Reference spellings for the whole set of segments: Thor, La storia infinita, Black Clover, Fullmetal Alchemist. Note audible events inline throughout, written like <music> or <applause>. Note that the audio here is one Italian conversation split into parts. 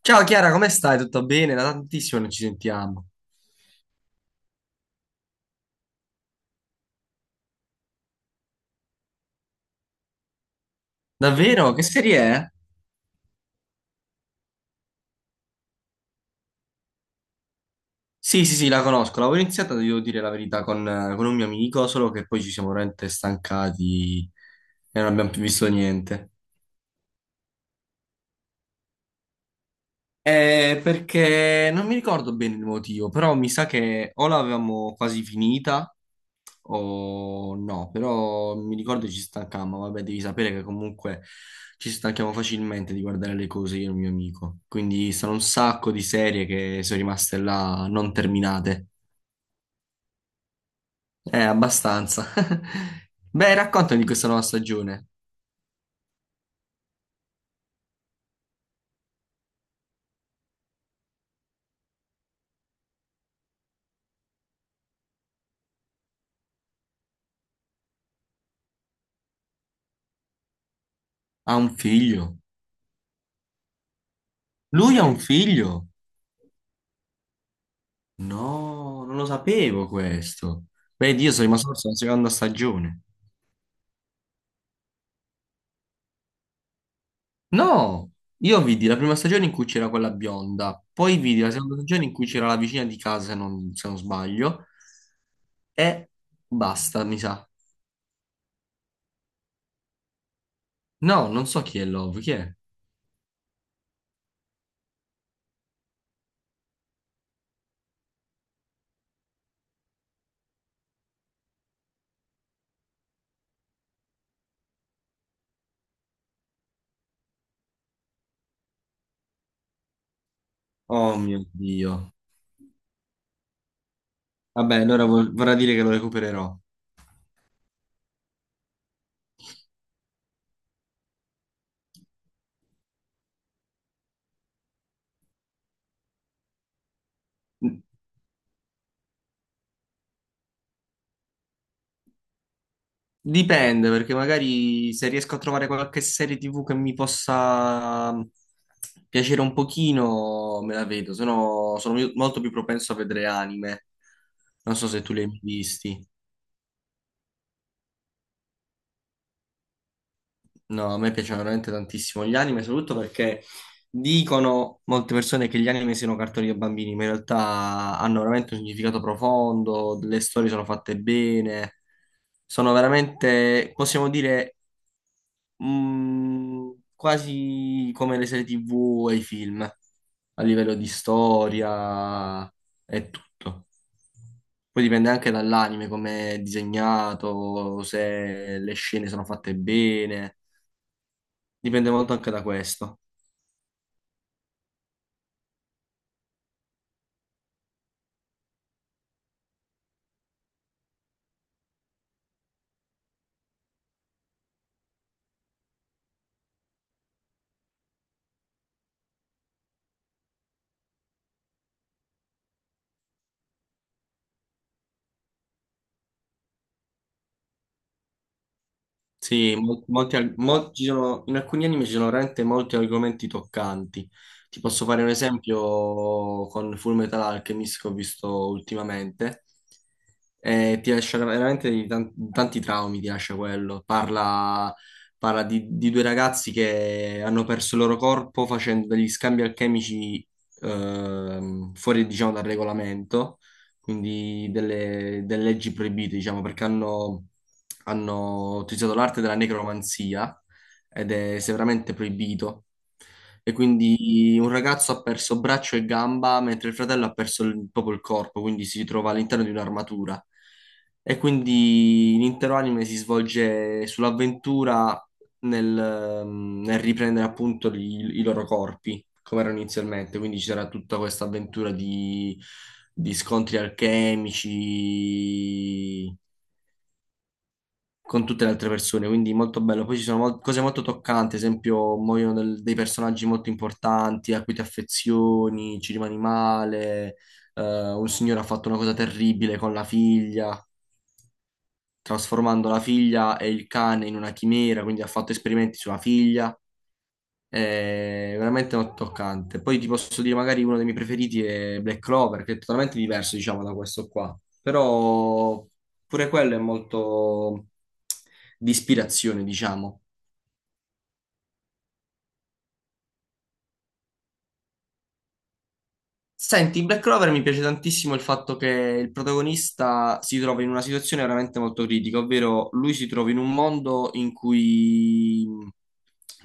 Ciao Chiara, come stai? Tutto bene? Da tantissimo non ci sentiamo. Davvero? Che serie è? Sì, sì, sì, la conosco. L'avevo iniziata, devo dire la verità, con un mio amico, solo che poi ci siamo veramente stancati e non abbiamo più visto niente. Perché non mi ricordo bene il motivo, però mi sa che o l'avevamo quasi finita o no, però mi ricordo ci stancammo, vabbè, devi sapere che comunque ci stanchiamo facilmente di guardare le cose io e il mio amico, quindi sono un sacco di serie che sono rimaste là non terminate, abbastanza. <laughs> Beh, raccontami di questa nuova stagione. Ha un figlio? Lui ha un figlio? No, non lo sapevo questo. Beh, io sono rimasto solo alla seconda stagione. No, io vidi la prima stagione in cui c'era quella bionda, poi vidi la seconda stagione in cui c'era la vicina di casa, se non sbaglio, e basta, mi sa. No, non so chi è Love, chi è? Oh mio Dio. Vabbè, allora vorrà dire che lo recupererò. Dipende, perché magari se riesco a trovare qualche serie TV che mi possa piacere un pochino, me la vedo, se no sono molto più propenso a vedere anime. Non so se tu li hai mai visti. No, a me piacciono veramente tantissimo gli anime, soprattutto perché dicono molte persone che gli anime siano cartoni per bambini, ma in realtà hanno veramente un significato profondo, le storie sono fatte bene, sono veramente, possiamo dire, mh, quasi come le serie TV e i film, a livello di storia e tutto. Poi dipende anche dall'anime, come è disegnato, se le scene sono fatte bene, dipende molto anche da questo. Sì, mol- molti arg- mol- ci sono- in alcuni anime ci sono veramente molti argomenti toccanti. Ti posso fare un esempio con Fullmetal Alchemist che ho visto ultimamente. Ti lascia veramente di tanti traumi, ti lascia quello. Parla di, due ragazzi che hanno perso il loro corpo facendo degli scambi alchemici fuori, diciamo, dal regolamento, quindi delle leggi proibite, diciamo, perché hanno utilizzato l'arte della necromanzia ed è severamente proibito. E quindi un ragazzo ha perso braccio e gamba, mentre il fratello ha perso proprio il corpo, quindi si ritrova all'interno di un'armatura. E quindi l'intero anime si svolge sull'avventura nel riprendere appunto i loro corpi come erano inizialmente. Quindi c'era tutta questa avventura di scontri alchemici con tutte le altre persone, quindi molto bello. Poi ci sono cose molto toccanti, ad esempio muoiono dei personaggi molto importanti a cui ti affezioni, ci rimani male. Un signore ha fatto una cosa terribile con la figlia, trasformando la figlia e il cane in una chimera, quindi ha fatto esperimenti sulla figlia. È veramente molto toccante. Poi ti posso dire, magari uno dei miei preferiti è Black Clover, che è totalmente diverso, diciamo, da questo qua. Però pure quello è molto di ispirazione, diciamo. Senti, in Black Clover mi piace tantissimo il fatto che il protagonista si trova in una situazione veramente molto critica, ovvero lui si trova in un mondo in cui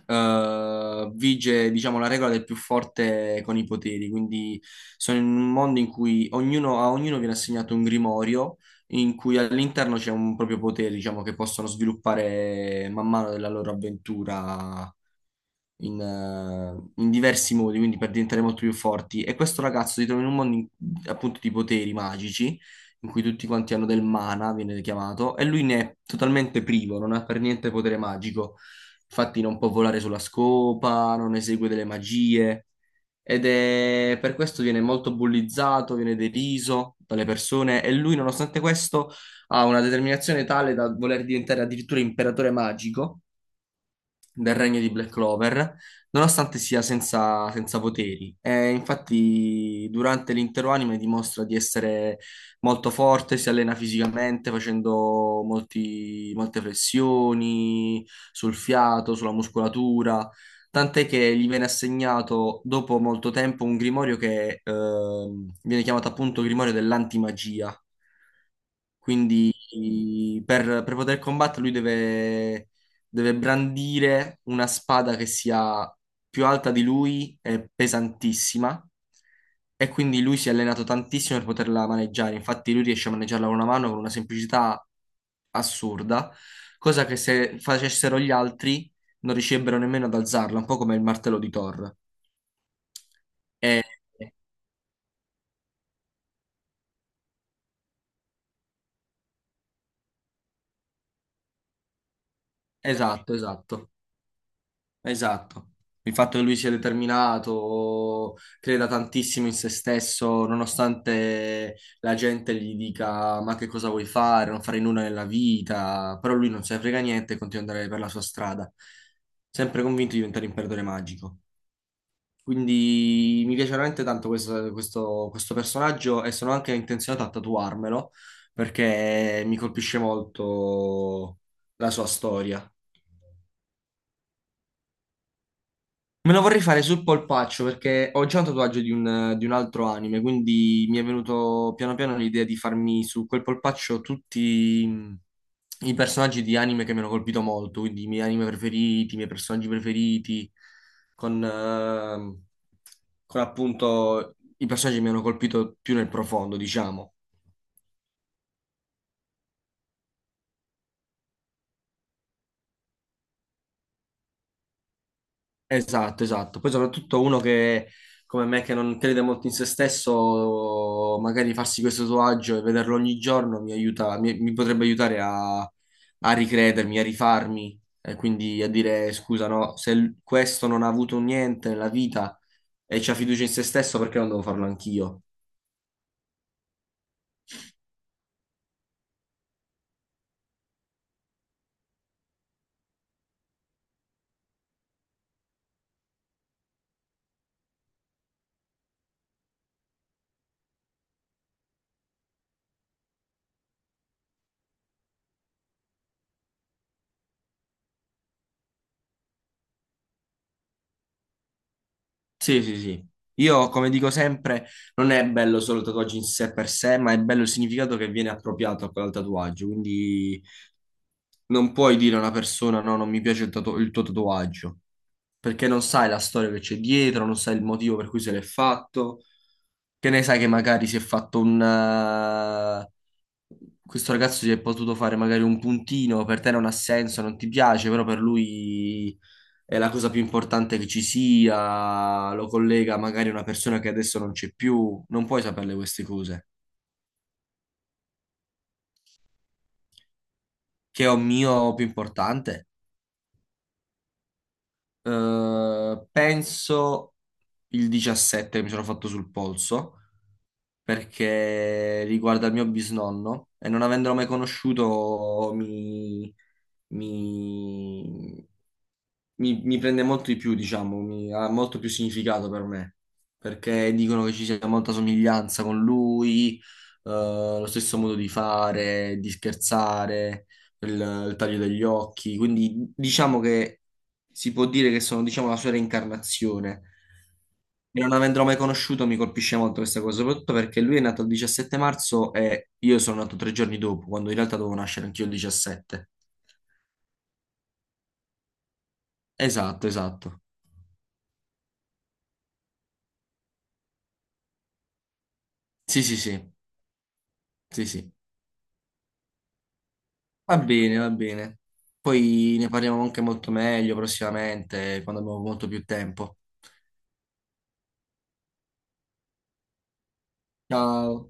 vige, diciamo, la regola del più forte con i poteri, quindi sono in un mondo in cui ognuno, a ognuno viene assegnato un grimorio in cui all'interno c'è un proprio potere, diciamo, che possono sviluppare man mano della loro avventura in diversi modi, quindi per diventare molto più forti. E questo ragazzo si trova in un mondo appunto di poteri magici, in cui tutti quanti hanno del mana, viene chiamato, e lui ne è totalmente privo, non ha per niente potere magico. Infatti non può volare sulla scopa, non esegue delle magie. Ed è per questo viene molto bullizzato, viene deriso dalle persone e lui, nonostante questo, ha una determinazione tale da voler diventare addirittura imperatore magico del regno di Black Clover, nonostante sia senza poteri. E infatti, durante l'intero anime dimostra di essere molto forte, si allena fisicamente facendo molte flessioni sul fiato, sulla muscolatura. Tant'è che gli viene assegnato dopo molto tempo un grimorio che viene chiamato appunto grimorio dell'antimagia. Quindi per poter combattere lui deve brandire una spada che sia più alta di lui e pesantissima e quindi lui si è allenato tantissimo per poterla maneggiare. Infatti lui riesce a maneggiarla con una mano con una semplicità assurda, cosa che se facessero gli altri non riuscirebbero nemmeno ad alzarla, un po' come il martello di Thor. E- esatto, esatto. Esatto. Il fatto che lui sia determinato, creda tantissimo in se stesso, nonostante la gente gli dica ma che cosa vuoi fare, non fare nulla nella vita, però lui non se ne frega niente e continua ad andare per la sua strada, sempre convinto di diventare un imperatore magico. Quindi mi piace veramente tanto questo personaggio e sono anche intenzionato a tatuarmelo perché mi colpisce molto la sua storia. Me lo vorrei fare sul polpaccio perché ho già un tatuaggio di un altro anime, quindi mi è venuto piano piano l'idea di farmi su quel polpaccio tutti i personaggi di anime che mi hanno colpito molto, quindi i miei anime preferiti, i miei personaggi preferiti, con, ehm, con appunto i personaggi che mi hanno colpito più nel profondo, diciamo. Esatto, esatto. Poi soprattutto uno che, come me, che non crede molto in se stesso, magari farsi questo tatuaggio e vederlo ogni giorno mi aiuta, mi potrebbe aiutare a ricredermi, a rifarmi, e quindi a dire scusa, no, se l- questo non ha avuto niente nella vita e c'ha fiducia in se stesso, perché non devo farlo anch'io? Sì, sì, sì. Io, come dico sempre, non è bello solo il tatuaggio in sé per sé, ma è bello il significato che viene appropriato a quel tatuaggio, quindi... Non puoi dire a una persona no, non mi piace il tuo tatuaggio, perché non sai la storia che c'è dietro, non sai il motivo per cui se l'è fatto, che ne sai che magari si è fatto un... questo ragazzo si è potuto fare magari un puntino, per te non ha senso, non ti piace, però per lui è la cosa più importante che ci sia, lo collega magari a una persona che adesso non c'è più, non puoi saperle queste cose. Che è un mio più importante? Penso il 17 mi sono fatto sul polso perché riguarda il mio bisnonno e non avendolo mai conosciuto mi, mi prende molto di più, diciamo, ha molto più significato per me, perché dicono che ci sia molta somiglianza con lui, lo stesso modo di fare, di scherzare, il, il taglio degli occhi, quindi diciamo che si può dire che sono, diciamo, la sua reincarnazione. E non avendolo mai conosciuto mi colpisce molto questa cosa, soprattutto perché lui è nato il 17 marzo e io sono nato 3 giorni dopo, quando in realtà dovevo nascere anch'io il 17. Esatto, esatto. Sì, sì, sì. Sì, sì, va bene, va bene. Poi ne parliamo anche molto meglio prossimamente, quando abbiamo molto più tempo. Ciao.